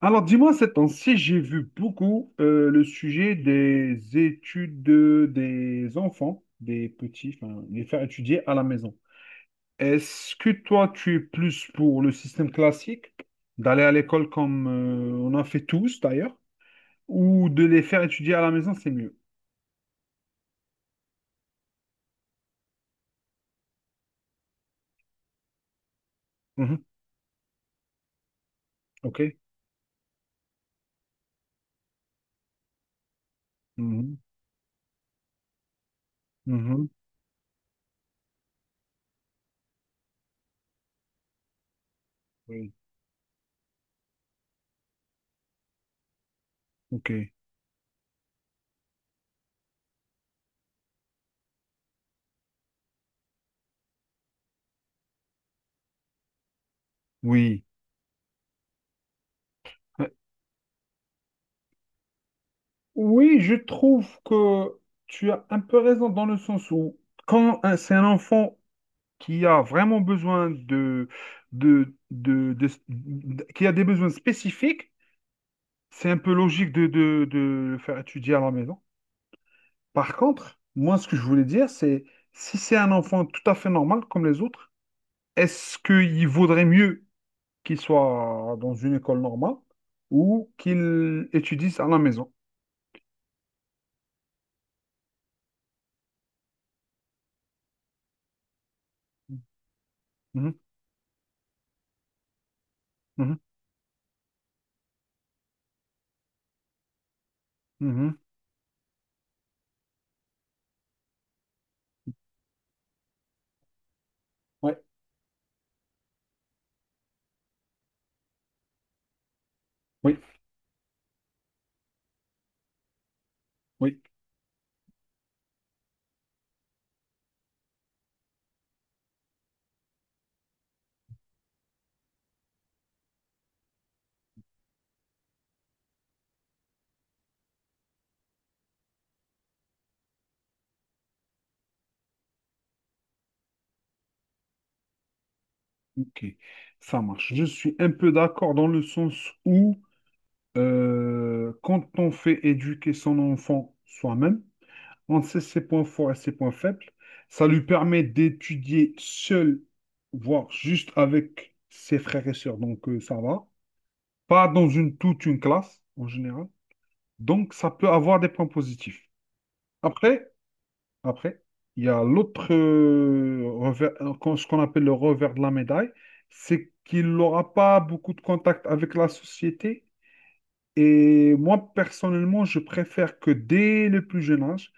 Alors, dis-moi, ces temps-ci, j'ai vu beaucoup le sujet des études des enfants, des petits, enfin, les faire étudier à la maison. Est-ce que toi, tu es plus pour le système classique, d'aller à l'école comme on en fait tous d'ailleurs, ou de les faire étudier à la maison, c'est mieux? Mhm. OK. Mhm. Mhm. Oui. OK. Oui. Euh, Oui, je trouve que tu as un peu raison dans le sens où c'est un enfant qui a vraiment besoin de, de- de- qui a des besoins spécifiques, c'est un peu logique de le faire étudier à la maison. Par contre, moi, ce que je voulais dire, c'est si c'est un enfant tout à fait normal comme les autres, est-ce qu'il vaudrait mieux qu'il soit dans une école normale ou qu'il étudie à la maison? Mhm, mhm, mhm. Ouais, oui, oui, ok, ça marche. Je suis un peu d'accord dans le sens où quand on fait éduquer son enfant soi-même, on sait ses points forts et ses points faibles. Ça lui permet d'étudier seul, voire juste avec ses frères et sœurs. Donc, ça va. Pas dans toute une classe, en général. Donc, ça peut avoir des points positifs. Après, après, il y a l'autre revers, ce qu'on appelle le revers de la médaille, c'est qu'il n'aura pas beaucoup de contact avec la société. Et moi, personnellement, je préfère que dès le plus jeune âge,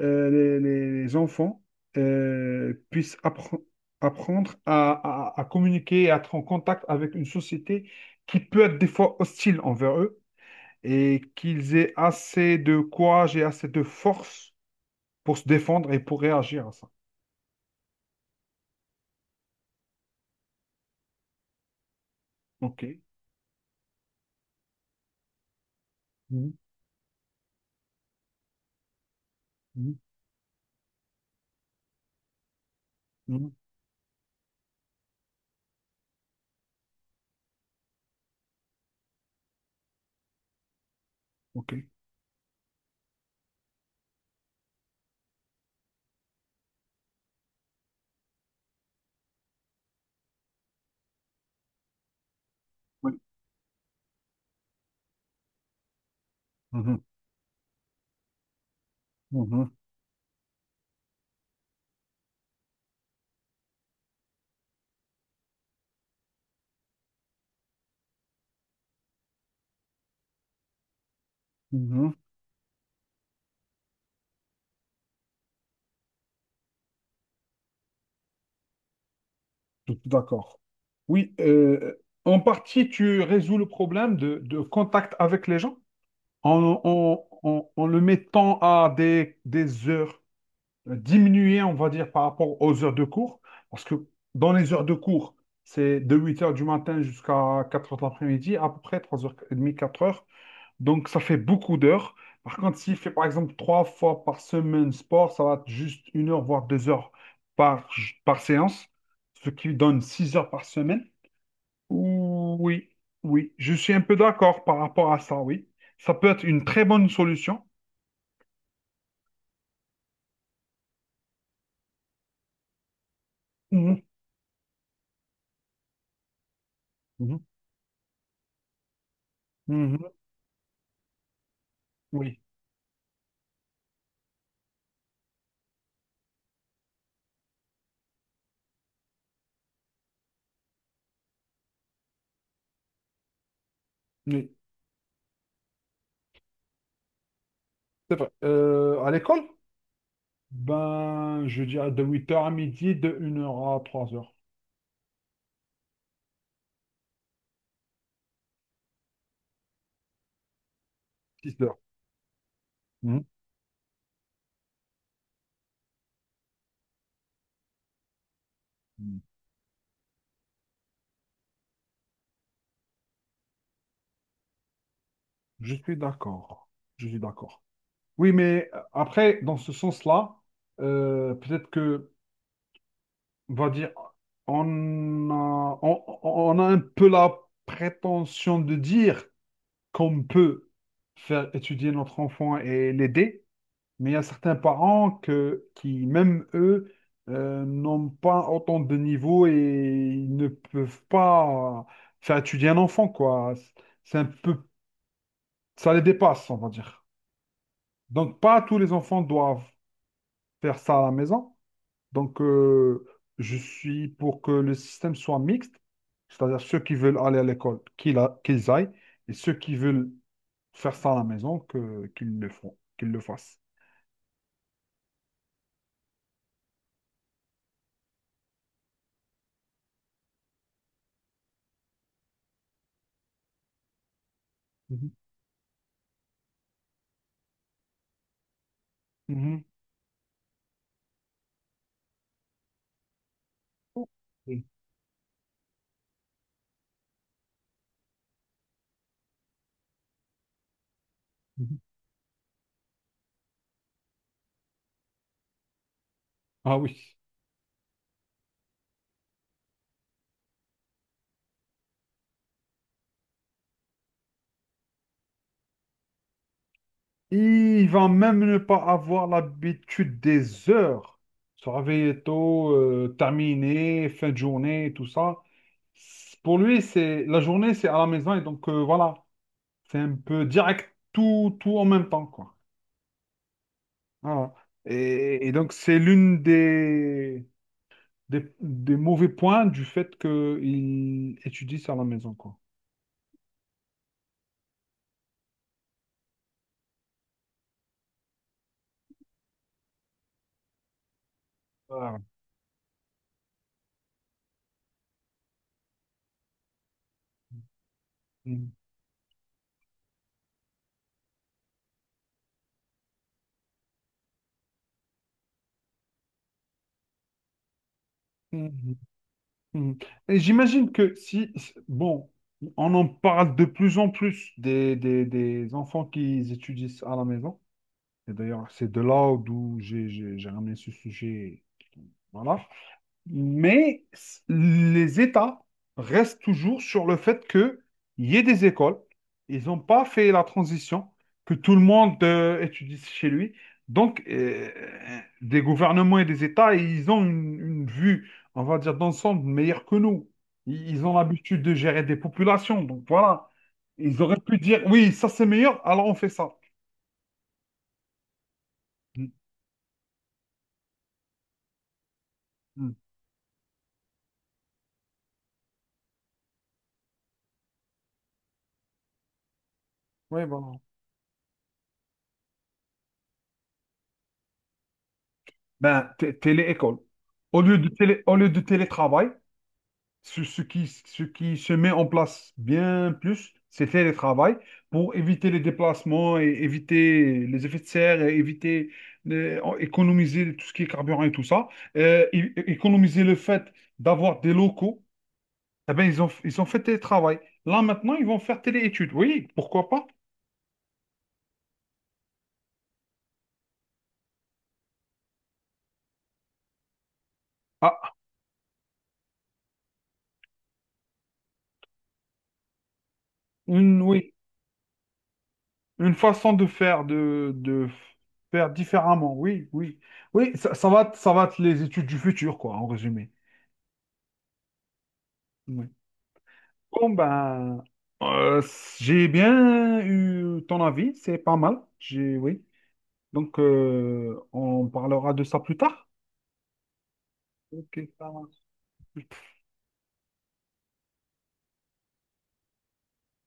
les enfants puissent apprendre à communiquer, et à être en contact avec une société qui peut être des fois hostile envers eux et qu'ils aient assez de courage et assez de force pour se défendre et pour réagir à ça. OK. Mhm, mhm, mhm, OK. Oui. Mhm, mhm, mhm. Tout d'accord. Oui, en partie, tu résous le problème de contact avec les gens en le mettant à des heures diminuées, on va dire, par rapport aux heures de cours. Parce que dans les heures de cours, c'est de huit heures du matin jusqu'à quatre heures de l'après-midi, à peu près 3h30, quatre heures. Donc, ça fait beaucoup d'heures. Par contre, s'il fait par exemple trois fois par semaine sport, ça va être juste une heure, voire deux heures par, par séance, ce qui donne six heures par semaine. Oui, oui, je suis un peu d'accord par rapport à ça, oui. Ça peut être une très bonne solution. Mhm, mhm, mhm, oui, oui, c'est vrai. À l'école? Ben, je dirais de huit heures à midi, de une heure à 3h, 6h. Je suis d'accord. Je suis d'accord. Oui, mais après, dans ce sens-là, peut-être que, on va dire, on a un peu la prétention de dire qu'on peut faire étudier notre enfant et l'aider, mais il y a certains parents qui, même eux, n'ont pas autant de niveau et ils ne peuvent pas faire étudier un enfant, quoi. C'est un peu, ça les dépasse, on va dire. Donc, pas tous les enfants doivent faire ça à la maison. Donc, je suis pour que le système soit mixte, c'est-à-dire ceux qui veulent aller à l'école, qu'ils aillent, et ceux qui veulent faire ça à la maison, qu'ils le font, qu'ils le fassent. Mhm. Mhm. Oui. Mhm. Ah oui. Il va même ne pas avoir l'habitude des heures. Se réveiller tôt, terminer, fin de journée, tout ça. Pour lui, c'est la journée, c'est à la maison et donc voilà, c'est un peu direct, tout, tout en même temps, quoi. Voilà. Et donc, c'est l'une des, des mauvais points du fait qu'il étudie ça à la maison, quoi. Voilà. Mhm. Mhm. Mhm. Et j'imagine que si, bon, on en parle de plus en plus des, des enfants qui étudient ça à la maison. Et d'ailleurs, c'est de là d'où j'ai ramené ce sujet. Voilà. Mais les États restent toujours sur le fait qu'il y ait des écoles. Ils n'ont pas fait la transition, que tout le monde étudie chez lui. Donc, des gouvernements et des États, ils ont une vue, on va dire, d'ensemble meilleure que nous. Ils ont l'habitude de gérer des populations. Donc, voilà. Ils auraient pu dire, oui, ça c'est meilleur, alors on fait ça. Mm, mm. Oui, voilà. Ben, télé-école. Au lieu de télé, au lieu de télétravail, ce qui se met en place bien plus, c'est télétravail pour éviter les déplacements et éviter les effets de serre et éviter économiser tout ce qui est carburant et tout ça. Économiser le fait d'avoir des locaux. Eh ben, ils ont fait télétravail. Là, maintenant, ils vont faire téléétudes. Oui, pourquoi pas? Ah, oui, une façon de faire, de faire différemment. Oui, oui. Oui, ça va être les études du futur, quoi, en résumé. Oui. Bon, ben, euh, j'ai bien eu ton avis, c'est pas mal. J'ai, oui. Donc, on parlera de ça plus tard. Ok, ça marche.